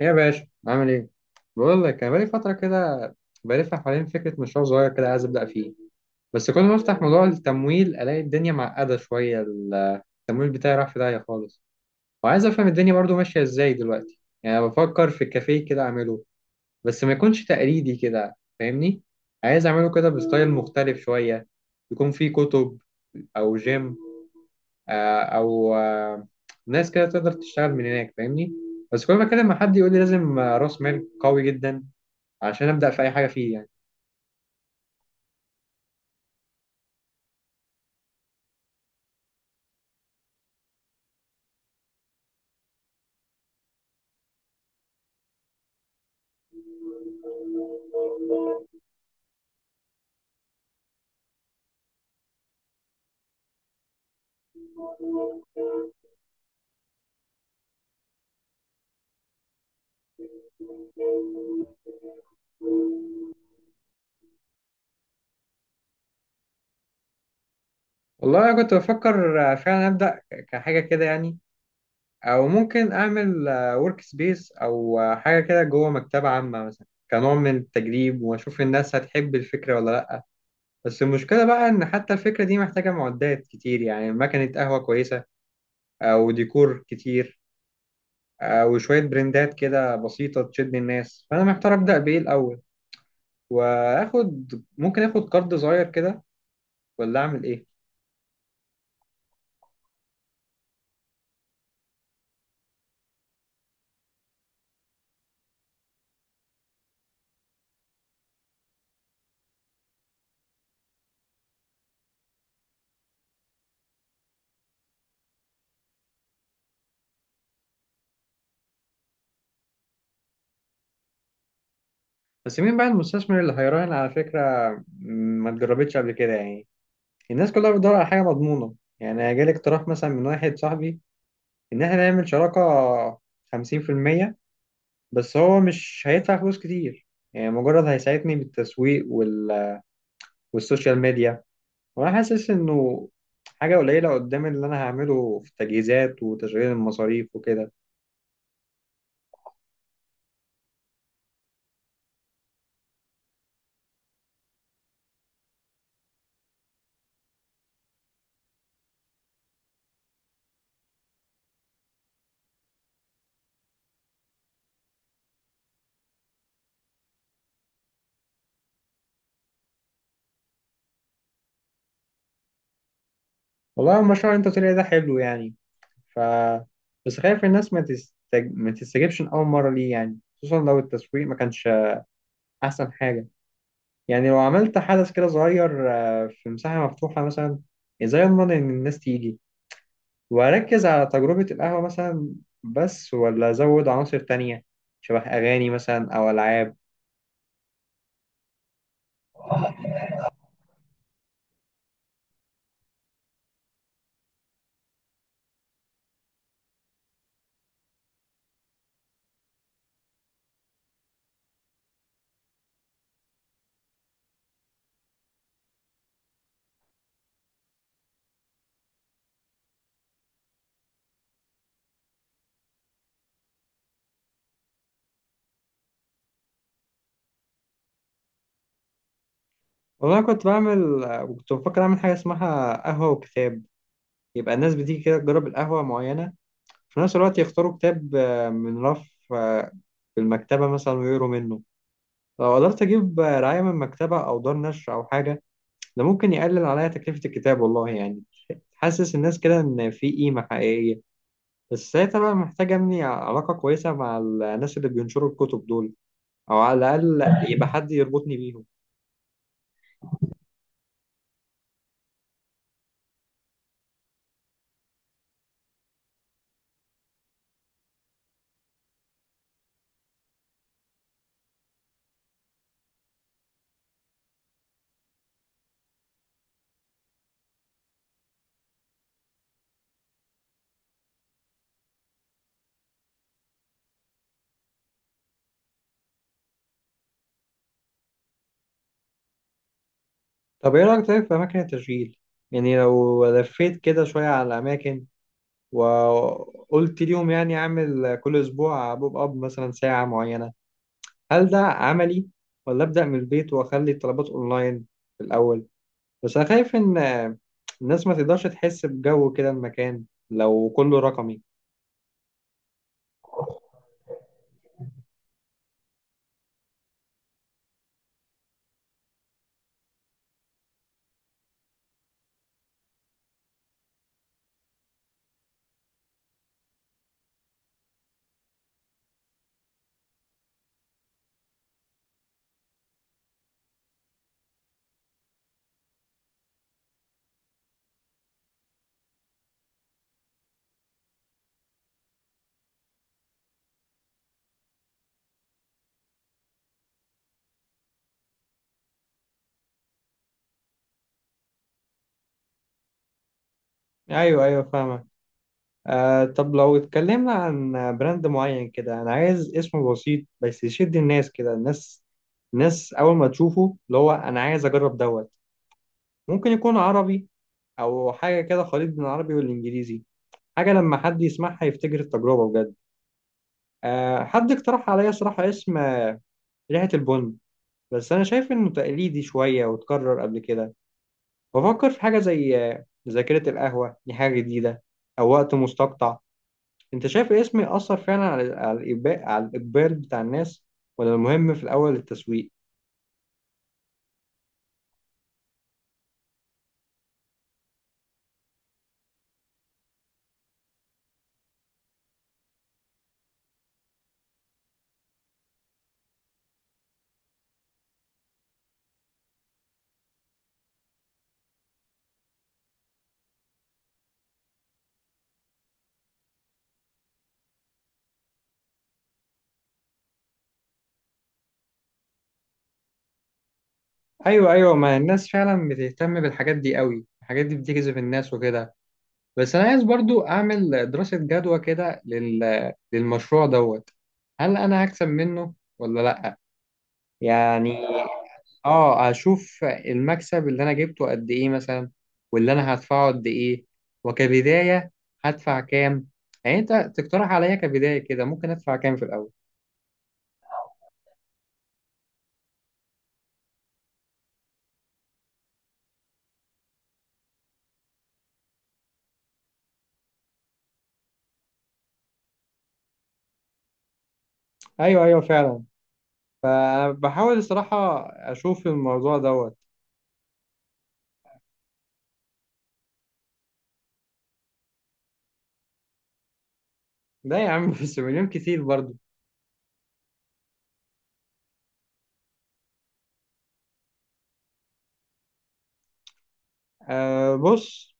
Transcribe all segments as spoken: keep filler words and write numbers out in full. ايه يا باشا عامل ايه؟ بقول لك انا بقالي فترة كده بلف حوالين فكرة مشروع صغير كده عايز ابدأ فيه. بس كل ما افتح موضوع التمويل الاقي الدنيا معقدة شوية، ال- التمويل بتاعي راح في داهية خالص. وعايز افهم الدنيا برضو ماشية ازاي دلوقتي، يعني أنا بفكر في كافيه كده اعمله، بس ما يكونش تقليدي كده، فاهمني؟ عايز اعمله كده بستايل مختلف شوية، يكون فيه كتب او جيم، آه، او آه، ناس كده تقدر تشتغل من هناك، فاهمني. بس كل ما اتكلم مع حد يقول لي لازم آه، راس مال قوي جدا عشان ابدا في اي حاجه فيه يعني. والله انا كنت بفكر آه، فعلا ابدا ك- كحاجه كده يعني، او ممكن اعمل ورك سبيس او آه، حاجه كده جوه مكتبه عامه مثلا، كنوع من التجريب واشوف الناس هتحب الفكره ولا لا. بس المشكله بقى ان حتى الفكره دي محتاجه معدات كتير، يعني مكنه قهوه كويسه او ديكور كتير آه، وشوية برندات كده بسيطة تشد الناس، فأنا محتار أبدأ بإيه الأول، وآخد، ممكن آخد قرض صغير كده ولا أعمل إيه. بس مين بقى المستثمر اللي هيراهن على فكرة م، ما اتجربتش قبل كده يعني، الناس كلها بتدور على حاجة مضمونة. يعني جالي اقتراح مثلا من واحد صاحبي، إن إحنا نعمل شراكة خمسين في المية، بس هو مش هيدفع فلوس كتير، يعني مجرد هيساعدني بالتسويق وال... والسوشيال ميديا، وانا حاسس انه حاجه قليله قدام اللي انا هعمله في التجهيزات وتشغيل المصاريف وكده. والله المشروع اللي انت قلت لي ده حلو يعني، ف بس خايف الناس ما تستج... ما تستجبش من اول مره، ليه يعني؟ خصوصا لو التسويق ما كانش احسن حاجه. يعني لو عملت حدث كده صغير آه، في مساحه مفتوحه مثلا، ازاي اضمن ان الناس تيجي؟ واركز على تجربه القهوه مثلا بس، ولا ازود عناصر تانية شبه اغاني مثلا او العاب؟ والله كنت بعمل، كنت بفكر أعمل حاجة اسمها قهوة وكتاب، يبقى الناس بتيجي كده تجرب القهوة معينة، في نفس الوقت يختاروا كتاب آه، من رف آه، في المكتبة مثلا ويقروا منه. لو قدرت أجيب آه، رعاية من مكتبة أو دار نشر أو حاجة، ده ممكن يقلل عليا تكلفة الكتاب والله يعني، تحسس الناس كده إن في قيمة حقيقية. بس ساعتها بقى محتاج أبني علاقة كويسة مع الناس اللي بينشروا الكتب دول، أو على الأقل يبقى حد يربطني بيهم. طب ايه رأيك طيب في أماكن التشغيل؟ يعني لو لفيت كده شوية على الأماكن وقلت ليهم يعني أعمل كل أسبوع بوب أب مثلا ساعة معينة، هل ده عملي؟ ولا أبدأ من البيت وأخلي الطلبات أونلاين في الأول؟ بس أنا خايف إن الناس ما تقدرش تحس بجو كده المكان لو كله رقمي. أيوه أيوه، فاهمك. آه، طب لو اتكلمنا عن براند معين كده، انا عايز اسم بسيط بس يشد الناس كده، الناس الناس اول ما تشوفه اللي هو انا عايز اجرب دوت. ممكن يكون عربي او حاجه كده خليط بين العربي والانجليزي، حاجه لما حد يسمعها يفتكر التجربه بجد. آه، حد اقترح عليا صراحه اسم آه، ريحه البن، بس انا شايف انه تقليدي شويه واتكرر قبل كده. بفكر في حاجه زي آه، ذاكره القهوه، دي حاجه جديده، او وقت مستقطع. انت شايف اسمي اثر فعلا على على الاقبال على الاقبال بتاع الناس؟ ولا المهم في الاول التسويق؟ ايوه ايوه، ما الناس فعلا بتهتم بالحاجات دي قوي، الحاجات دي بتجذب الناس وكده. بس انا عايز برضو اعمل دراسة جدوى كده لل... للمشروع دوت، هل انا هكسب منه ولا لا يعني؟ اه اشوف المكسب اللي انا جبته قد ايه مثلا، واللي انا هدفعه قد ايه، وكبداية هدفع كام؟ يعني انت تقترح عليا كبداية كده ممكن ادفع كام في الاول؟ ايوه ايوه فعلا، فبحاول الصراحه اشوف الموضوع دوت. لا يا عم بس مليون كتير برضو. أه بص،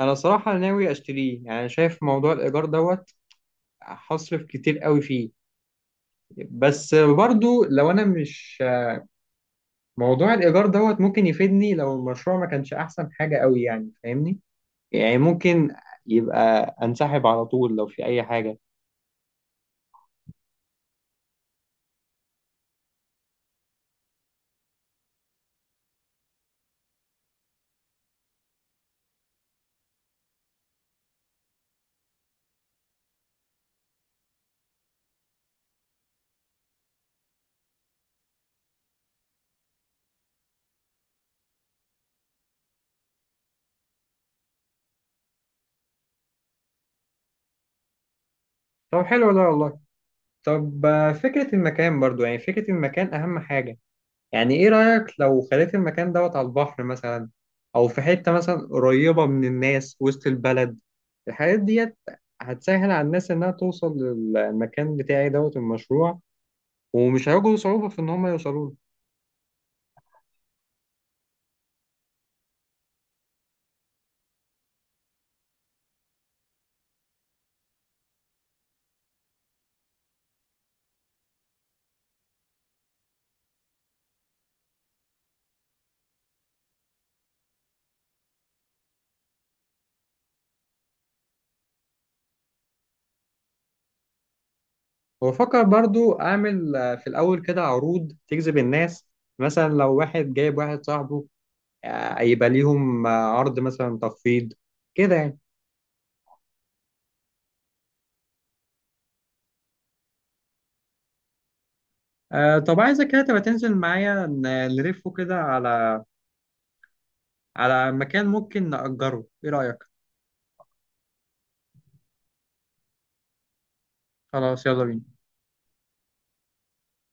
انا صراحه ناوي اشتريه، يعني شايف موضوع الايجار دوت هصرف كتير قوي فيه. بس برضو لو انا مش، موضوع الايجار دوت ممكن يفيدني لو المشروع ما كانش احسن حاجه قوي يعني فاهمني، يعني ممكن يبقى انسحب على طول لو في اي حاجه. طب حلو ده والله. طب آه، فكره المكان برضو، يعني فكره المكان اهم حاجه. يعني ايه رأيك لو خليت المكان دوت على البحر مثلا، او في حتة مثلا قريبة من الناس وسط البلد؟ الحاجات ديت هتسهل على الناس انها توصل للمكان بتاعي دوت المشروع، ومش هيواجهوا صعوبة في ان هم يوصلوا له. وفكر برضو اعمل آه، في الاول كده عروض تجذب الناس، مثلا لو واحد جايب واحد صاحبه آه، يبقى ليهم آه، عرض مثلا تخفيض كده يعني. آه، طب عايزك كده تبقى تنزل معايا ن- نلفه كده على على مكان ممكن نأجره، ايه رأيك؟ خلاص يلا بينا.